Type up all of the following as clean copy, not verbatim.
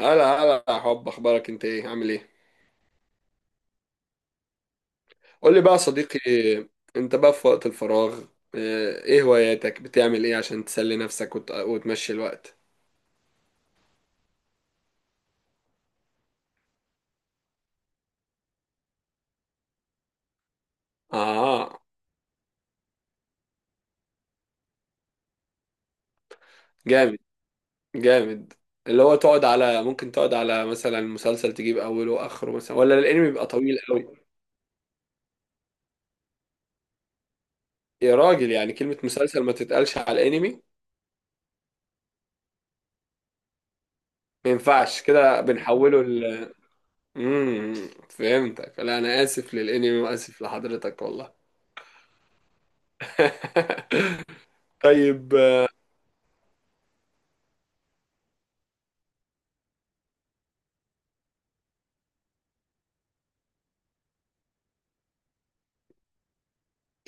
هلا هلا يا حب، اخبارك انت؟ ايه عامل ايه؟ قول لي بقى يا صديقي، انت بقى في وقت الفراغ، اه، ايه هواياتك؟ بتعمل ايه عشان تسلي نفسك وتمشي الوقت؟ اه، جامد. جامد. اللي هو تقعد على، ممكن تقعد على مثلا مسلسل تجيب اوله واخره، مثلا ولا الانمي بيبقى طويل قوي؟ يا راجل، يعني كلمة مسلسل ما تتقالش على الانمي؟ ما ينفعش كده، بنحوله ل امم فهمتك. لا انا اسف للانمي واسف لحضرتك والله. طيب.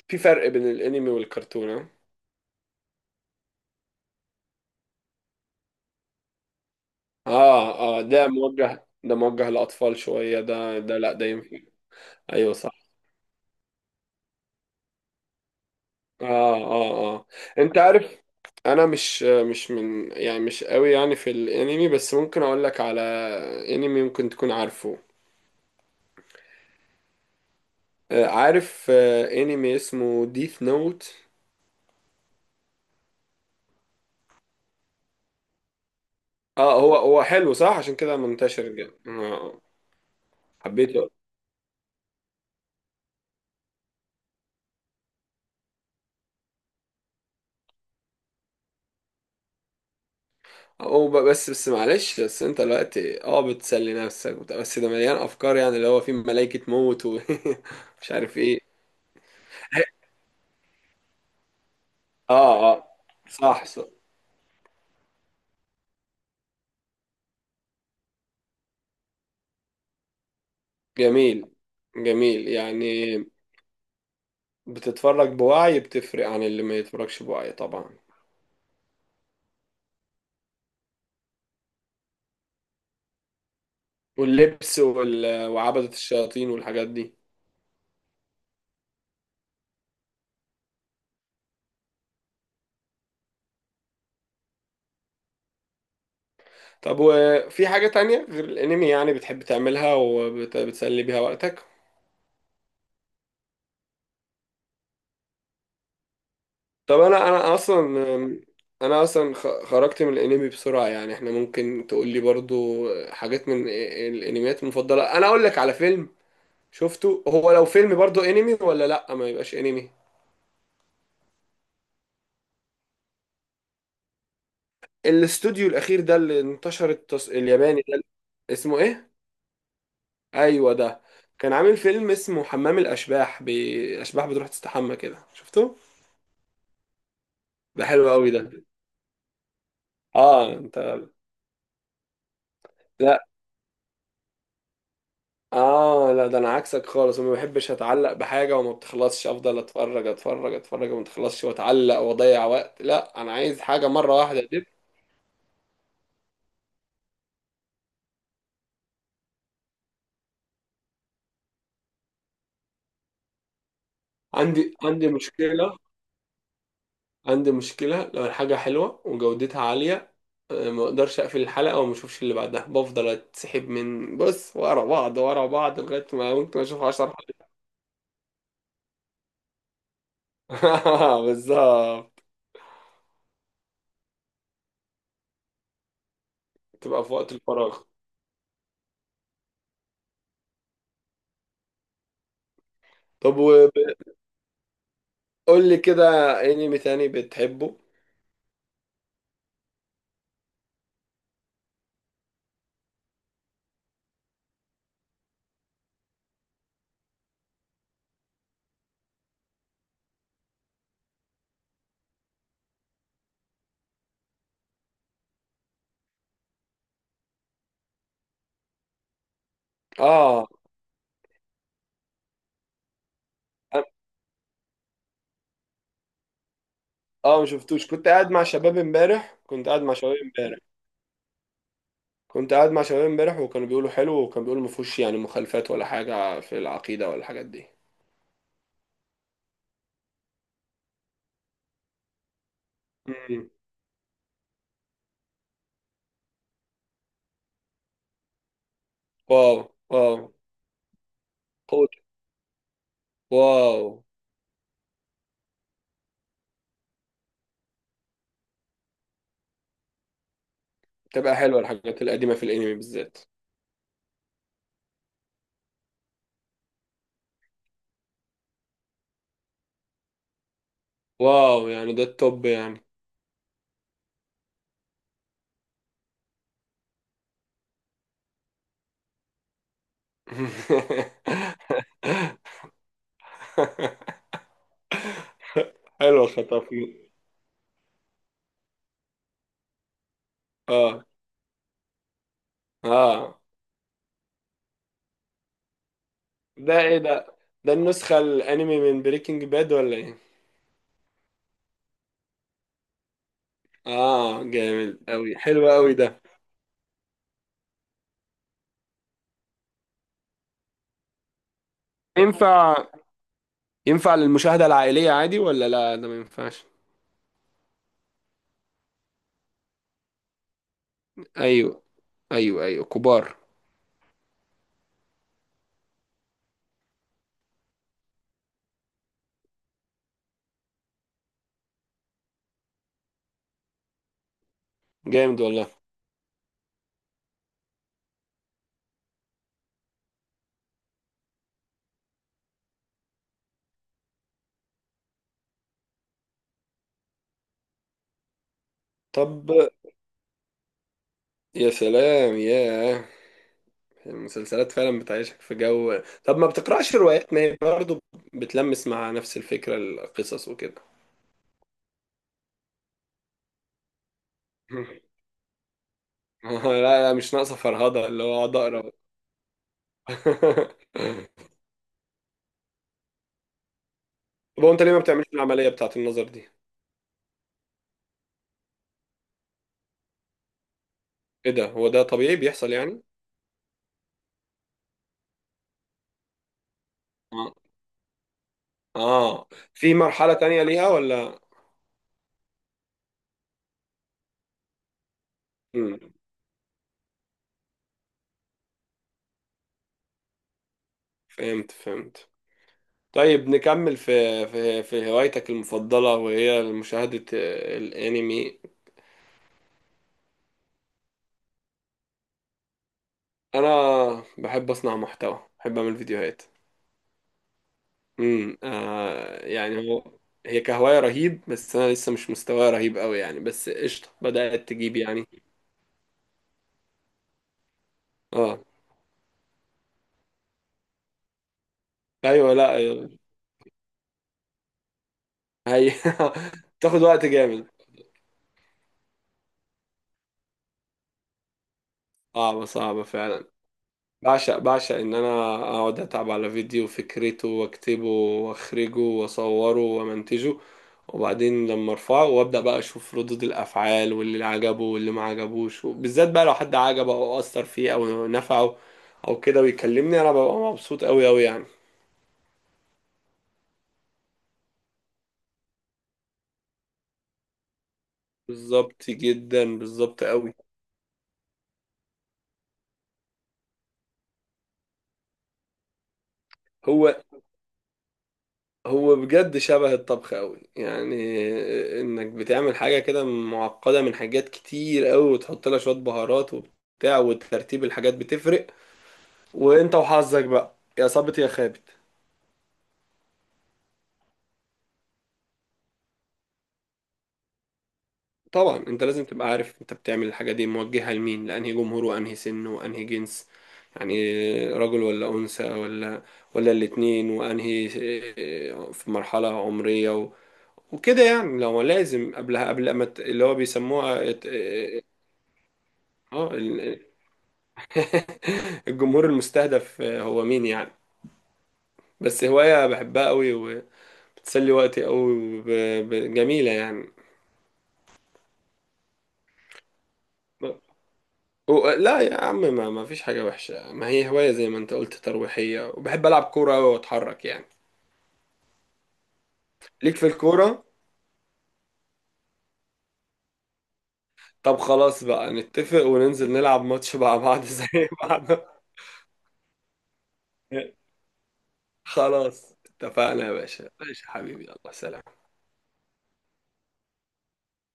في فرق بين الانمي والكرتون؟ ها؟ اه اه، ده موجه، ده موجه للاطفال شويه، ده ده لا، ده ينفع. ايوه صح. اه اه اه. انت عارف، انا مش من، يعني مش قوي يعني في الانمي، بس ممكن اقول لك على انمي ممكن تكون عارفه. آه، عارف. آه، انمي اسمه ديث نوت. اه، هو هو حلو، صح، عشان كده منتشر جدا. آه، آه. حبيته. هو ب- بس بس معلش، بس انت دلوقتي اه بتسلي نفسك وبتاع، بس ده مليان افكار، يعني اللي هو فيه ملائكة موت ومش عارف ايه. اه اه، صح صح. جميل، جميل يعني. بتتفرج بوعي، بتفرق عن اللي ما يتفرجش بوعي طبعا. واللبس وعبدة الشياطين والحاجات دي. طب وفي حاجة تانية غير الانمي يعني بتحب تعملها وبتسلي بيها وقتك؟ طب انا اصلا خرجت من الانمي بسرعه، يعني احنا ممكن تقول لي برضو حاجات من الانميات المفضله. انا اقول لك على فيلم شفته، هو لو فيلم برضو انمي ولا لا ما يبقاش انمي؟ الاستوديو الاخير ده اللي انتشر، الياباني ده اسمه ايه؟ ايوه ده. كان عامل فيلم اسمه حمام الاشباح، اشباح بتروح تستحمى كده، شفته؟ ده حلو قوي ده. اه انت، لا اه لا، ده انا عكسك خالص. وما بحبش اتعلق بحاجه وما بتخلصش، افضل اتفرج اتفرج اتفرج وما تخلصش واتعلق واضيع وقت. لا انا عايز حاجه مره واحده دب. عندي مشكله. عندي مشكله لو الحاجه حلوه وجودتها عاليه، آه، ما اقدرش اقفل الحلقه وما اشوفش اللي بعدها، بفضل اتسحب من بص ورا بعض ورا بعض لغايه ما ممكن اشوف 10 حلقات. بالظبط. تبقى في وقت الفراغ. طب وقول لي كده، انمي تاني بتحبه؟ اه اه، ما شفتوش. كنت قاعد مع شباب امبارح كنت قاعد مع شباب امبارح كنت قاعد مع شباب امبارح، وكانوا بيقولوا حلو وكانوا بيقولوا ما فيهوش يعني مخالفات ولا حاجة في العقيدة ولا الحاجات دي. مم. واو. واو. قوت. واو. تبقى حلوة الحاجات القديمة في الانمي بالذات. واو، يعني ده التوب يعني. حلو خطافي. اه اه. ده ايه ده؟ ده النسخة الانمي من بريكنج باد ولا ايه؟ اه جامد قوي، حلو قوي ده. ينفع، ينفع للمشاهدة العائلية عادي، ولا لا ده ما ينفعش؟ ايوه، ايوه ايوه، كبار. جامد والله. طب يا سلام يا، المسلسلات فعلا بتعيشك في جو. طب ما بتقرأش روايات؟ ما هي برضه بتلمس مع نفس الفكرة، القصص وكده. لا لا، مش ناقصة فرهضة اللي هو اقعد اقرا. طب هو انت ليه ما بتعملش العملية بتاعت النظر دي؟ ايه ده؟ هو ده طبيعي بيحصل يعني؟ اه، آه. في مرحلة تانية ليها ولا؟ مم. فهمت فهمت. طيب نكمل في، في في هوايتك المفضلة، وهي مشاهدة الأنمي. أنا بحب أصنع محتوى، بحب أعمل فيديوهات. آه يعني، هو هي كهواية رهيب، بس أنا لسه مش مستواي رهيب أوي يعني، بس قشطة، بدأت تجيب يعني. اه، أيوة لا، هي تاخد وقت جامد. صعبة، صعبة فعلا. بعشق، بعشق إن أنا أقعد أتعب على فيديو، فكرته وأكتبه وأخرجه وأصوره وأمنتجه، وبعدين لما ارفعه وابدا بقى اشوف ردود الافعال واللي عجبه واللي ما عجبوش، وبالذات بقى لو حد عجبه او اثر فيه او نفعه او كده ويكلمني، انا ببقى مبسوط قوي قوي يعني. بالظبط جدا، بالظبط قوي. هو هو بجد شبه الطبخ قوي، يعني انك بتعمل حاجه كده معقده من حاجات كتير قوي، وتحط لها شويه بهارات وبتاع، وترتيب الحاجات بتفرق، وانت وحظك بقى يا صابت يا خابت. طبعا انت لازم تبقى عارف انت بتعمل الحاجة دي موجهة لمين، لأنهي جمهور وأنهي سن وأنهي جنس، يعني رجل ولا أنثى ولا، ولا الاتنين، وأنهي آه، في مرحلة عمرية وكده يعني. لو لازم قبلها، قبل ما اللي هو بيسموها اه، آه، الجمهور المستهدف، آه، هو مين يعني. بس هواية بحبها قوي، وبتسلي وقتي قوي، وب- ب- جميلة يعني. لا يا عم، ما فيش حاجة وحشة، ما هي هواية زي ما انت قلت ترويحية. وبحب ألعب كورة أوي وأتحرك يعني. ليك في الكورة؟ طب خلاص بقى، نتفق وننزل نلعب ماتش مع بعض زي بعض. خلاص اتفقنا يا باشا، ماشي يا حبيبي، الله، سلام.